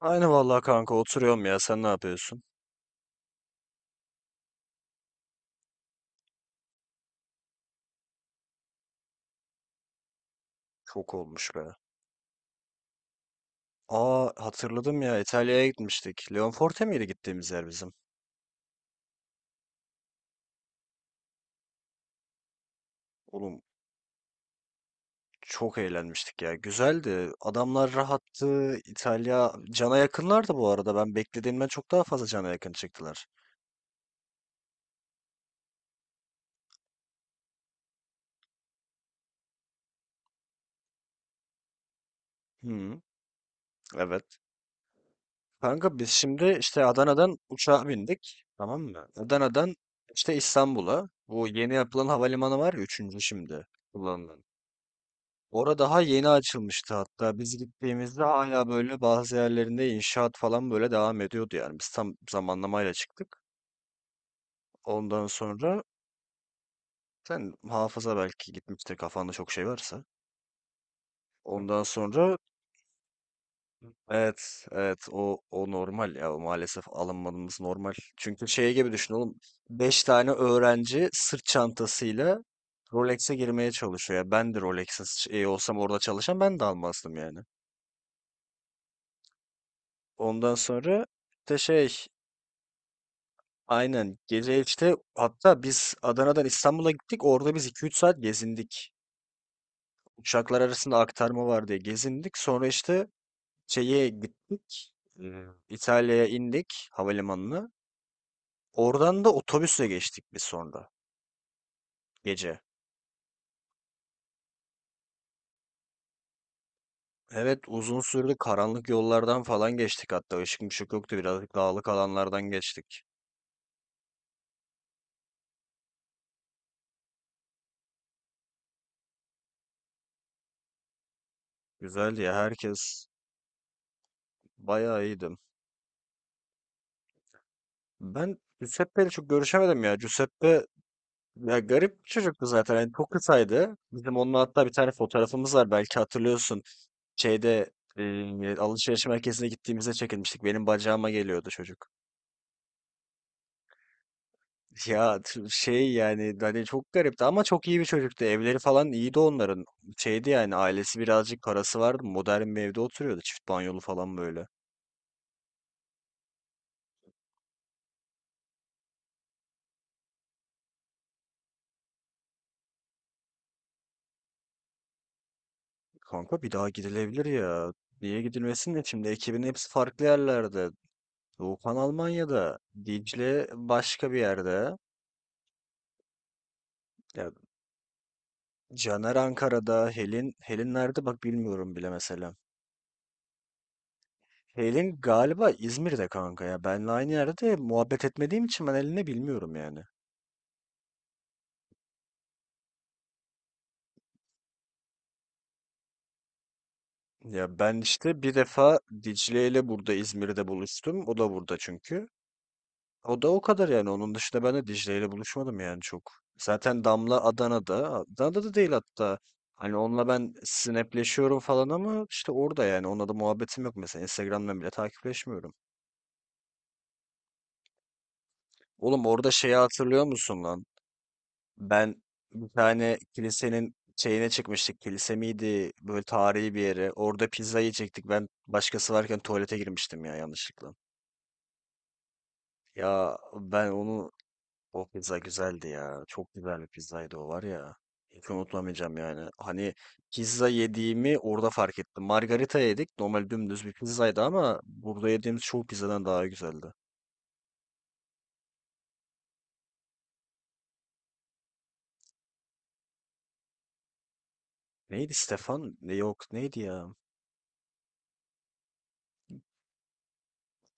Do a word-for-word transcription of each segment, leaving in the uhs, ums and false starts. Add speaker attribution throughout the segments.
Speaker 1: Aynı vallahi kanka oturuyorum ya. Sen ne yapıyorsun? Çok olmuş be. Aa hatırladım ya, İtalya'ya gitmiştik. Leonforte miydi gittiğimiz yer bizim? Oğlum çok eğlenmiştik ya. Güzeldi. Adamlar rahattı. İtalya cana yakınlardı bu arada. Ben beklediğimden çok daha fazla cana yakın çıktılar. Hı, evet. Kanka biz şimdi işte Adana'dan uçağa bindik. Tamam mı? Adana'dan işte İstanbul'a. Bu yeni yapılan havalimanı var ya, üçüncü şimdi kullanılan. Orada daha yeni açılmıştı hatta. Biz gittiğimizde hala böyle bazı yerlerinde inşaat falan böyle devam ediyordu yani. Biz tam zamanlamayla çıktık. Ondan sonra sen hafıza belki gitmiştir kafanda çok şey varsa. Ondan sonra evet evet, o o normal ya, o maalesef alınmamız normal. Çünkü şey gibi düşün oğlum, beş tane öğrenci sırt çantasıyla Rolex'e girmeye çalışıyor. Ya ben de Rolex'in şey olsam orada çalışan ben de almazdım yani. Ondan sonra işte şey. Aynen. Gece işte hatta biz Adana'dan İstanbul'a gittik. Orada biz iki üç saat gezindik. Uçaklar arasında aktarma var diye gezindik. Sonra işte şeye gittik. e, İtalya'ya indik havalimanına. Oradan da otobüsle geçtik biz sonra gece. Evet uzun sürdü. Karanlık yollardan falan geçtik hatta. Işık mışık yoktu. Birazcık dağlık alanlardan geçtik. Güzeldi ya. Herkes bayağı iyiydi. Ben Giuseppe çok görüşemedim ya. Giuseppe ya garip bir çocuktu zaten. Yani çok kısaydı. Bizim onunla hatta bir tane fotoğrafımız var. Belki hatırlıyorsun. Şeyde e, alışveriş merkezine gittiğimizde çekilmiştik. Benim bacağıma geliyordu çocuk. Ya t- şey yani hani çok garipti ama çok iyi bir çocuktu. Evleri falan iyiydi onların. Şeydi yani, ailesi birazcık parası vardı. Modern bir evde oturuyordu. Çift banyolu falan böyle. Kanka bir daha gidilebilir ya. Niye gidilmesin, de şimdi ekibin hepsi farklı yerlerde. Doğukan Almanya'da. Dicle başka bir yerde. Ya Caner Ankara'da, Helin, Helin nerede bak bilmiyorum bile mesela. Helin galiba İzmir'de kanka ya. Benle aynı yerde muhabbet etmediğim için ben Helin'i bilmiyorum yani. Ya ben işte bir defa Dicle ile burada İzmir'de buluştum. O da burada çünkü. O da o kadar yani. Onun dışında ben de Dicle ile buluşmadım yani çok. Zaten Damla Adana'da. Adana'da da değil hatta. Hani onunla ben snapleşiyorum falan ama işte orada yani. Onunla da muhabbetim yok mesela. Instagram'dan bile takipleşmiyorum. Oğlum orada şeyi hatırlıyor musun lan? Ben bir tane kilisenin şeyine çıkmıştık. Kilise miydi? Böyle tarihi bir yere. Orada pizza yiyecektik. Ben başkası varken tuvalete girmiştim ya yanlışlıkla. Ya ben onu, o pizza güzeldi ya. Çok güzel bir pizzaydı o, var ya. Hiç unutamayacağım yani. Hani pizza yediğimi orada fark ettim. Margarita yedik. Normal dümdüz bir pizzaydı ama burada yediğimiz çoğu pizzadan daha güzeldi. Neydi Stefan? Ne, yok neydi ya?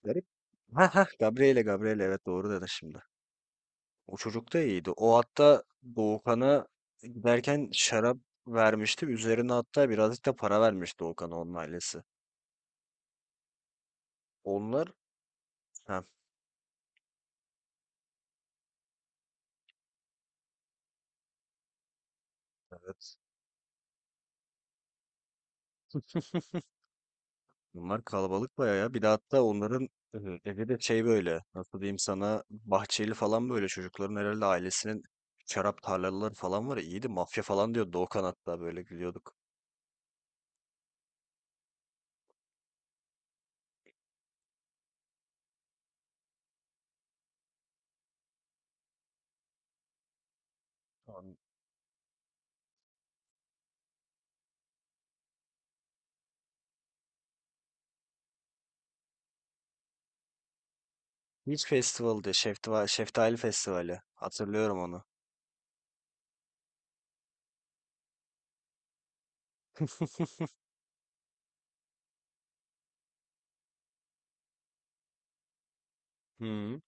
Speaker 1: Garip. Ha ha, Gabriele Gabriele, evet doğru dedin şimdi. O çocuk da iyiydi. O hatta Doğukan'a giderken şarap vermişti. Üzerine hatta birazcık da para vermişti Doğukan'a onun ailesi. Onlar ha evet. Bunlar kalabalık bayağı ya. Bir de hatta onların e, evi de şey böyle, nasıl diyeyim sana, bahçeli falan böyle, çocukların herhalde ailesinin şarap tarlaları falan var. Ya, iyiydi, mafya falan diyor Doğukan hatta böyle gülüyorduk. An- Beach Festival'dı. Şeftali, Şeftali Festivali. Hatırlıyorum onu. Hı hı.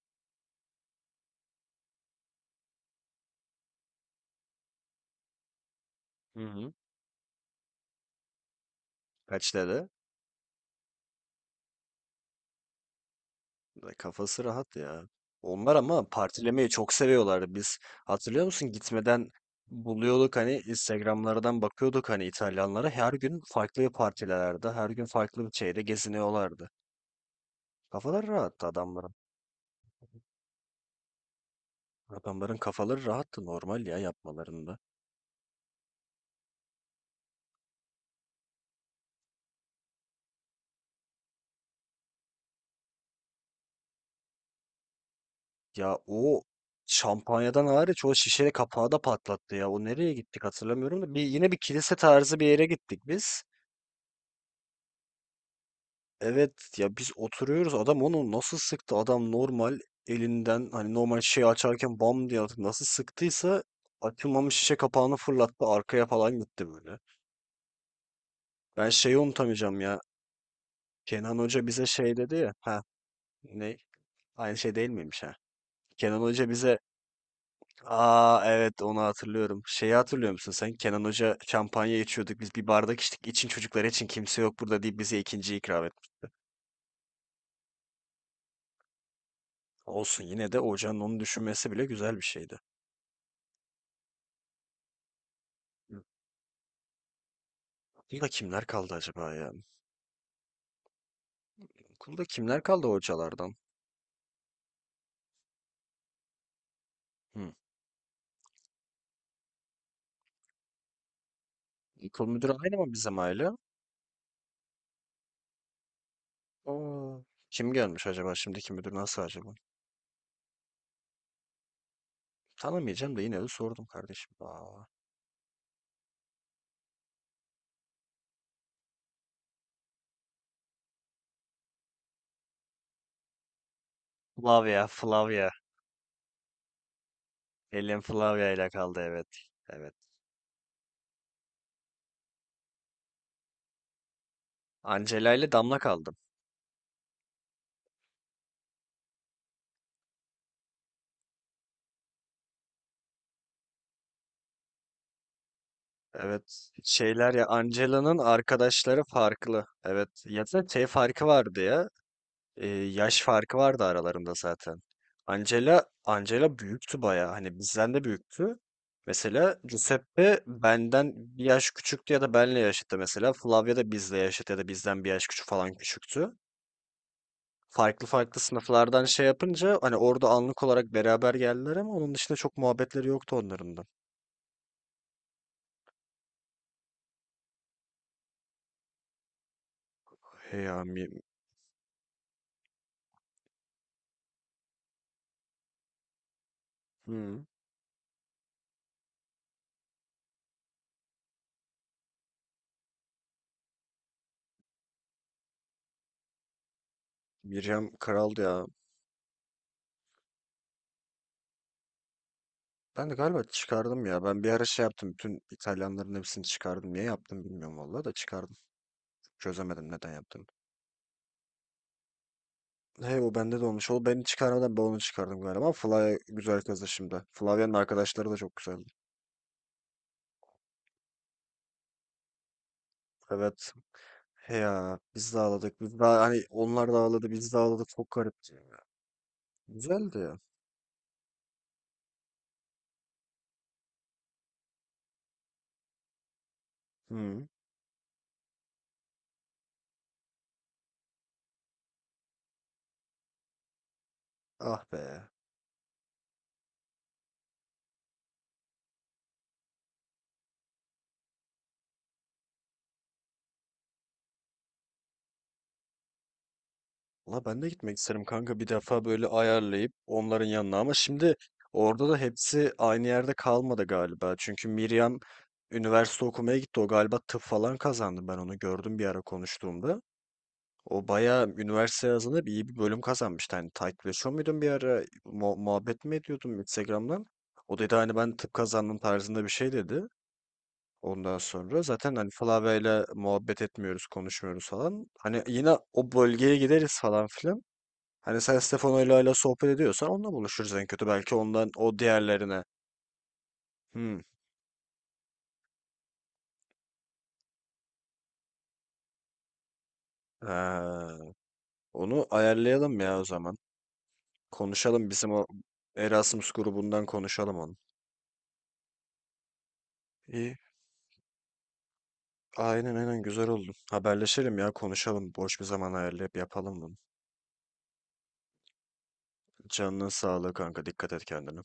Speaker 1: Hı hı. Kaç dedi? Da kafası rahat ya. Onlar ama partilemeyi çok seviyorlardı. Biz hatırlıyor musun gitmeden buluyorduk hani Instagramlardan bakıyorduk hani İtalyanlara her gün farklı partilerde her gün farklı bir şeyde geziniyorlardı. Kafaları rahattı adamların. Adamların kafaları rahattı normal ya yapmalarında. Ya o şampanyadan hariç o şişe kapağı da patlattı ya. O nereye gittik hatırlamıyorum da bir, yine bir kilise tarzı bir yere gittik biz. Evet, ya biz oturuyoruz, adam onu nasıl sıktı, adam normal elinden hani normal şey açarken bam diye atıp nasıl sıktıysa açılmamış şişe kapağını fırlattı arkaya falan gitti böyle. Ben şeyi unutamayacağım ya. Kenan Hoca bize şey dedi ya. Ha ne aynı şey değil miymiş ha. Kenan Hoca bize, aa evet onu hatırlıyorum, şeyi hatırlıyor musun sen? Kenan Hoca şampanya içiyorduk biz, bir bardak içtik için çocuklar için kimse yok burada deyip bize ikinci ikram etti. Olsun, yine de hocanın onu düşünmesi bile güzel bir şeydi. Okulda kimler kaldı acaba ya? Okulda kimler kaldı hocalardan? Hı. Okul müdürü aynı mı bizim aile? Aa, kim gelmiş acaba? Şimdiki müdür nasıl acaba? Tanımayacağım da yine de sordum kardeşim. Aa. Flavia, Flavia. Elim Flavia ile kaldı evet. Evet. Angela ile Damla kaldım. Evet. Şeyler ya, Angela'nın arkadaşları farklı. Evet. Ya da şey farkı vardı ya. Ee, yaş farkı vardı aralarında zaten. Angela Angela büyüktü bayağı. Hani bizden de büyüktü. Mesela Giuseppe benden bir yaş küçüktü ya da benle yaşıttı mesela. Flavia da bizle yaşıt ya da bizden bir yaş küçük falan küçüktü. Farklı farklı sınıflardan şey yapınca hani orada anlık olarak beraber geldiler ama onun dışında çok muhabbetleri yoktu onların da. Hey ya Mi Hı. Miriam kraldı ya. Ben de galiba çıkardım ya. Ben bir ara şey yaptım. Bütün İtalyanların hepsini çıkardım. Niye yaptım bilmiyorum vallahi, da çıkardım. Çözemedim neden yaptım. Hey o bende de olmuş. O beni çıkarmadan ben onu çıkardım galiba. Ama Flavia güzel kızdı şimdi. Flavia'nın arkadaşları da çok güzeldi. Evet. He ya biz de ağladık. Biz de hani onlar da ağladı biz de ağladık. Çok garipti ya. Güzeldi ya. Hı. Ah be. La ben de gitmek isterim kanka, bir defa böyle ayarlayıp onların yanına, ama şimdi orada da hepsi aynı yerde kalmadı galiba. Çünkü Miriam üniversite okumaya gitti. O galiba tıp falan kazandı. Ben onu gördüm bir ara konuştuğumda. O bayağı üniversite yazında bir iyi bir bölüm kazanmıştı. Hani takipleşiyor muydun bir ara? Mu- muhabbet mi ediyordum Instagram'dan? O dedi hani ben tıp kazandım tarzında bir şey dedi. Ondan sonra zaten hani Flavia'yla muhabbet etmiyoruz, konuşmuyoruz falan. Hani yine o bölgeye gideriz falan filan. Hani sen Stefano'yla hala sohbet ediyorsan onunla buluşuruz en kötü. Belki ondan o diğerlerine. Hmm. Ee, Onu ayarlayalım ya o zaman. Konuşalım bizim o Erasmus grubundan konuşalım onu. İyi. Aynen aynen güzel oldu. Haberleşelim ya konuşalım. Boş bir zaman ayarlayıp yapalım bunu. Canının sağlığı kanka, dikkat et kendine.